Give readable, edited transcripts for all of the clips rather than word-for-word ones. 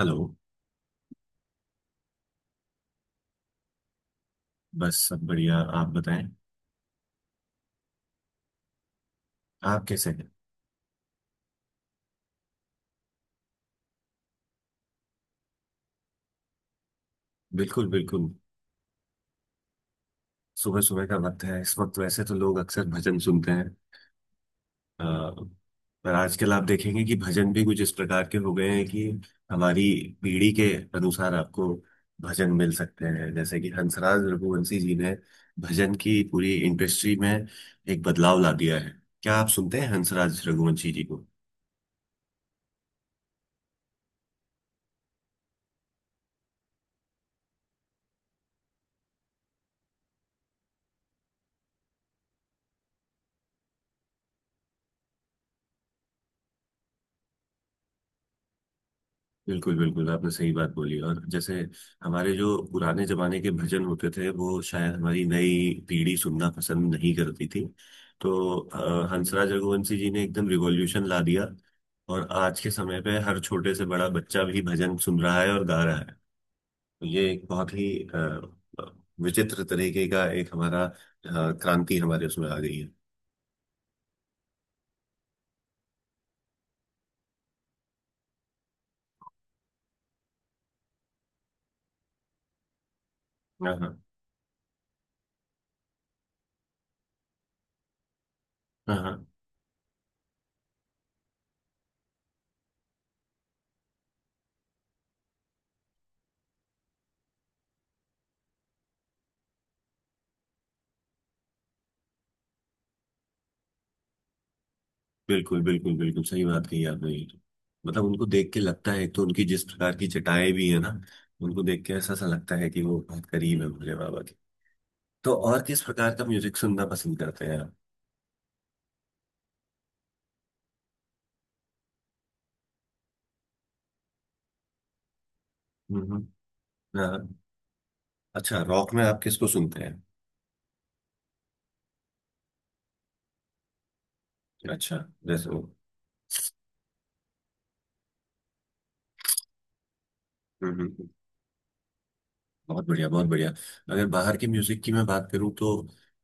Hello. बस सब बढ़िया, आप बताएं। आप कैसे हैं? बिल्कुल बिल्कुल। सुबह सुबह का वक्त है, इस वक्त वैसे तो लोग अक्सर भजन सुनते हैं। अ, पर आजकल आप देखेंगे कि भजन भी कुछ इस प्रकार के हो गए हैं कि हमारी पीढ़ी के अनुसार आपको भजन मिल सकते हैं। जैसे कि हंसराज रघुवंशी जी ने भजन की पूरी इंडस्ट्री में एक बदलाव ला दिया है। क्या आप सुनते हैं हंसराज रघुवंशी जी को? बिल्कुल बिल्कुल, आपने सही बात बोली। और जैसे हमारे जो पुराने जमाने के भजन होते थे वो शायद हमारी नई पीढ़ी सुनना पसंद नहीं करती थी, तो हंसराज रघुवंशी जी ने एकदम रिवॉल्यूशन ला दिया। और आज के समय पे हर छोटे से बड़ा बच्चा भी भजन सुन रहा है और गा रहा है। तो ये एक बहुत ही अ, विचित्र तरीके का एक हमारा क्रांति हमारे उसमें आ गई है। हाँ हाँ हाँ हाँ। बिल्कुल बिल्कुल बिल्कुल, सही बात कही आपने। ये तो मतलब उनको देख के लगता है, एक तो उनकी जिस प्रकार की चटाएं भी है ना, उनको देख के ऐसा सा लगता है कि वो बहुत करीब है भोले बाबा के। तो और किस प्रकार का म्यूजिक सुनना पसंद करते हैं आप? हम्म हम्म, हाँ। अच्छा, रॉक में आप किसको सुनते हैं? अच्छा। जैसे वो, हम्म हम्म, बहुत बढ़िया बहुत बढ़िया। अगर बाहर के म्यूजिक की मैं बात करूँ तो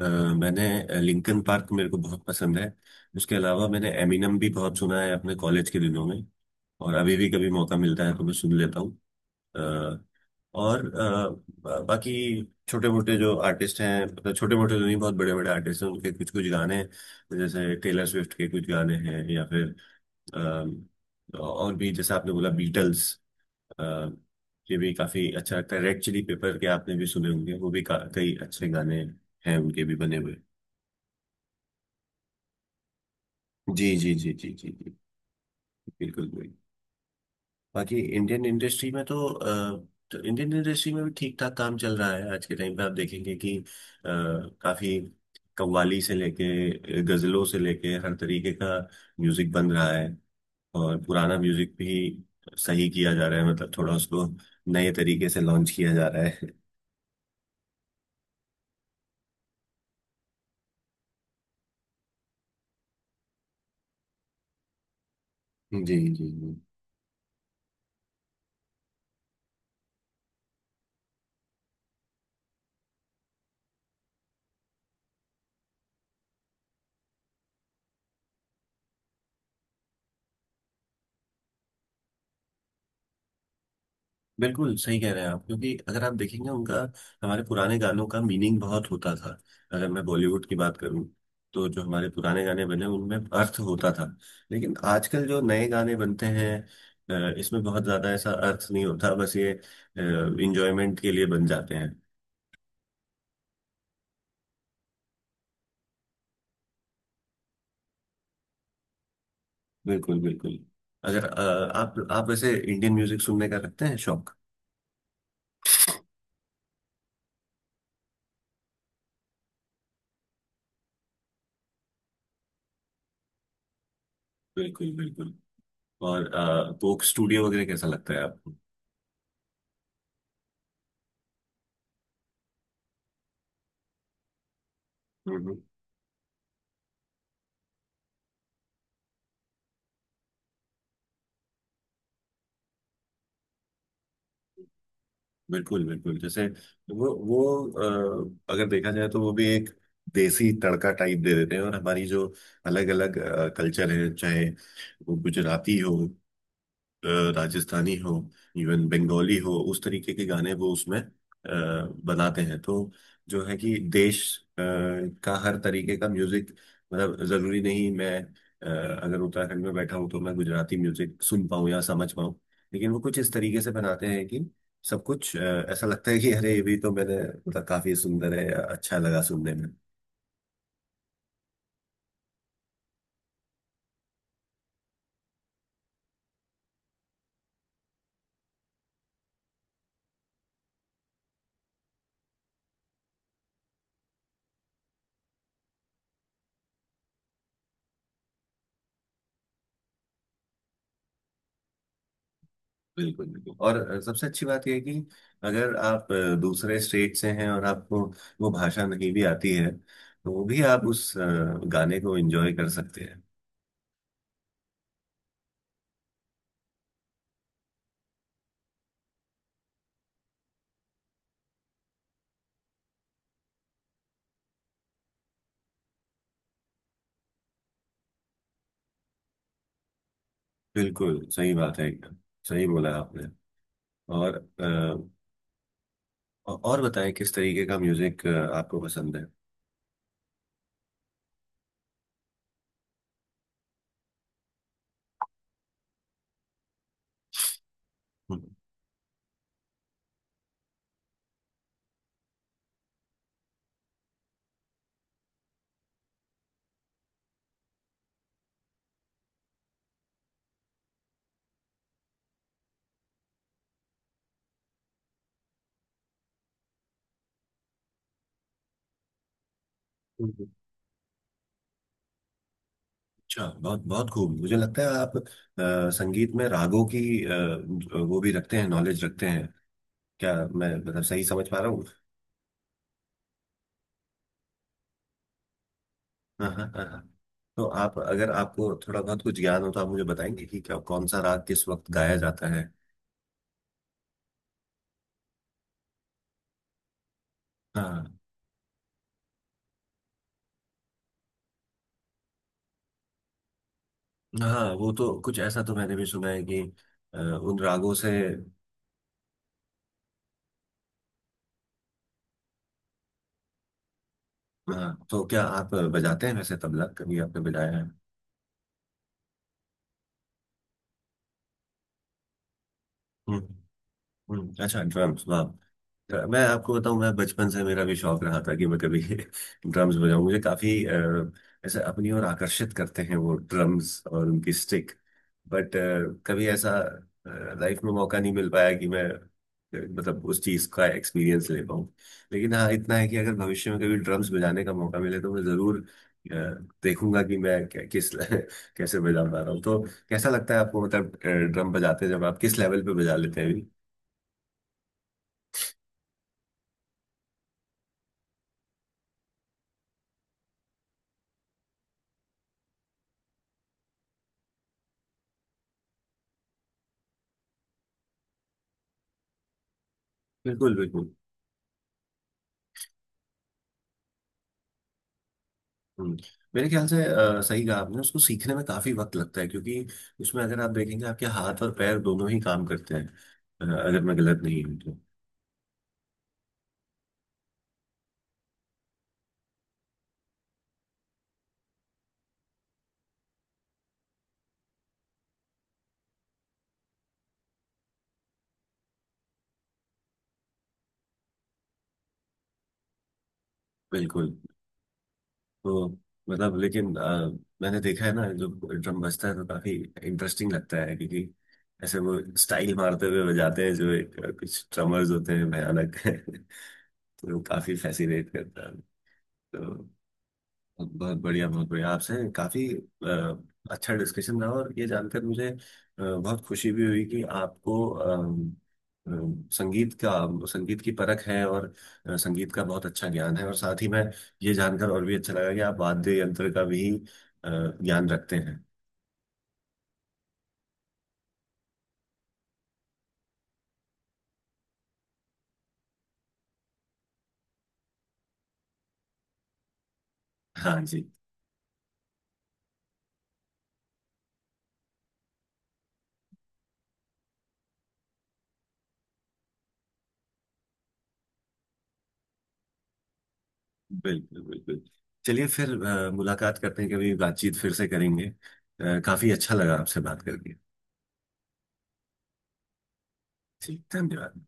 अ, मैंने लिंकन पार्क, मेरे को बहुत पसंद है। उसके अलावा मैंने एमिनम भी बहुत सुना है अपने कॉलेज के दिनों में, और अभी भी कभी मौका मिलता है तो मैं सुन लेता हूँ। अ, और बाकी छोटे मोटे जो आर्टिस्ट हैं, मतलब छोटे मोटे तो नहीं, बहुत बड़े बड़े आर्टिस्ट हैं, उनके कुछ कुछ गाने हैं। जैसे टेलर स्विफ्ट के कुछ गाने हैं, या फिर अ, और भी जैसे आपने बोला बीटल्स, अ, ये भी काफी अच्छा लगता है। रेड चिली पेपर के आपने भी सुने होंगे, वो भी कई अच्छे गाने हैं उनके भी बने हुए। जी जी जी जी जी जी, बिल्कुल वही। बाकी इंडियन इंडस्ट्री में तो इंडियन इंडस्ट्री में भी ठीक ठाक काम चल रहा है। आज के टाइम पे आप देखेंगे कि काफी कव्वाली से लेके गजलों से लेके हर तरीके का म्यूजिक बन रहा है। और पुराना म्यूजिक भी सही किया जा रहा है, मतलब थोड़ा उसको नए तरीके से लॉन्च किया जा रहा है। जी जी जी, बिल्कुल सही कह रहे हैं आप। क्योंकि अगर आप देखेंगे उनका, हमारे पुराने गानों का मीनिंग बहुत होता था। अगर मैं बॉलीवुड की बात करूं तो जो हमारे पुराने गाने बने उनमें अर्थ होता था, लेकिन आजकल जो नए गाने बनते हैं, इसमें बहुत ज्यादा ऐसा अर्थ नहीं होता, बस ये इंजॉयमेंट के लिए बन जाते हैं। बिल्कुल बिल्कुल। अगर आप वैसे इंडियन म्यूजिक सुनने का रखते हैं शौक? बिल्कुल बिल्कुल। और कोक स्टूडियो वगैरह कैसा लगता है आपको? हम्म, हम्म। बिल्कुल बिल्कुल। जैसे वो अगर देखा जाए तो वो भी एक देसी तड़का टाइप दे देते हैं। और हमारी जो अलग अलग कल्चर है, चाहे वो गुजराती हो, अ, राजस्थानी हो, इवन बंगाली हो, उस तरीके के गाने वो उसमें बनाते हैं। तो जो है कि देश अ, का हर तरीके का म्यूजिक, मतलब जरूरी नहीं मैं अगर उत्तराखंड में बैठा हूँ तो मैं गुजराती म्यूजिक सुन पाऊँ या समझ पाऊँ, लेकिन वो कुछ इस तरीके से बनाते हैं कि सब कुछ ऐसा लगता है कि अरे ये भी तो मैंने, मतलब काफी सुंदर है या अच्छा लगा सुनने में। बिल्कुल बिल्कुल। और सबसे अच्छी बात यह है कि अगर आप दूसरे स्टेट से हैं और आपको वो भाषा नहीं भी आती है, तो भी आप उस गाने को एंजॉय कर सकते हैं। बिल्कुल सही बात है एकदम, सही बोला आपने। और और बताएं, किस तरीके का म्यूजिक आपको पसंद है? हम्म, हम्म। अच्छा, बहुत बहुत खूब। मुझे लगता है आप संगीत में रागों की वो भी रखते हैं, नॉलेज रखते हैं। क्या मैं मतलब सही समझ पा रहा हूँ? हाँ हाँ हाँ हाँ। तो आप, अगर आपको थोड़ा बहुत कुछ ज्ञान हो तो आप मुझे बताएंगे कि क्या कौन सा राग किस वक्त गाया जाता है? हाँ, हाँ वो तो कुछ ऐसा तो मैंने भी सुना है कि उन रागों से। हाँ, तो क्या आप बजाते हैं वैसे तबला? कभी आपने बजाया है? हम्म अच्छा, ड्रम्स, वाह। तो मैं आपको बताऊं, मैं बचपन से मेरा भी शौक रहा था कि मैं कभी ड्रम्स बजाऊं। मुझे काफी ऐसे अपनी ओर आकर्षित करते हैं वो ड्रम्स और उनकी स्टिक। बट कभी ऐसा लाइफ में मौका नहीं मिल पाया कि मैं मतलब उस चीज का एक्सपीरियंस ले पाऊँ। लेकिन हाँ, इतना है कि अगर भविष्य में कभी ड्रम्स बजाने का मौका मिले तो मैं जरूर अ, देखूंगा कि मैं किस कैसे बजा पा रहा हूँ। तो कैसा लगता है आपको, मतलब ड्रम बजाते हैं जब आप, किस लेवल पे बजा लेते हैं अभी? बिल्कुल बिल्कुल। हम्म। मेरे ख्याल से सही कहा आपने, उसको सीखने में काफी वक्त लगता है। क्योंकि उसमें अगर आप देखेंगे आपके हाथ और पैर दोनों ही काम करते हैं, अगर मैं गलत नहीं हूँ तो। बिल्कुल। तो मतलब लेकिन मैंने देखा है ना, जो ड्रम बजता है तो काफी इंटरेस्टिंग लगता है। क्योंकि ऐसे वो स्टाइल मारते हुए बजाते हैं, जो एक कुछ ड्रमर्स होते हैं भयानक तो काफी फैसिनेट करता है। तो बहुत बढ़िया बहुत बढ़िया, आपसे काफी अच्छा डिस्कशन रहा। और ये जानकर मुझे बहुत खुशी भी हुई कि आपको अम, अम, संगीत का, संगीत की परख है और संगीत का बहुत अच्छा ज्ञान है। और साथ ही मैं ये जानकर और भी अच्छा लगा कि आप वाद्य यंत्र का भी अ, ज्ञान रखते हैं। हाँ जी। बिल्कुल बिल्कुल। चलिए फिर मुलाकात करते हैं कभी, बातचीत फिर से करेंगे। काफी अच्छा लगा आपसे बात करके। जी धन्यवाद।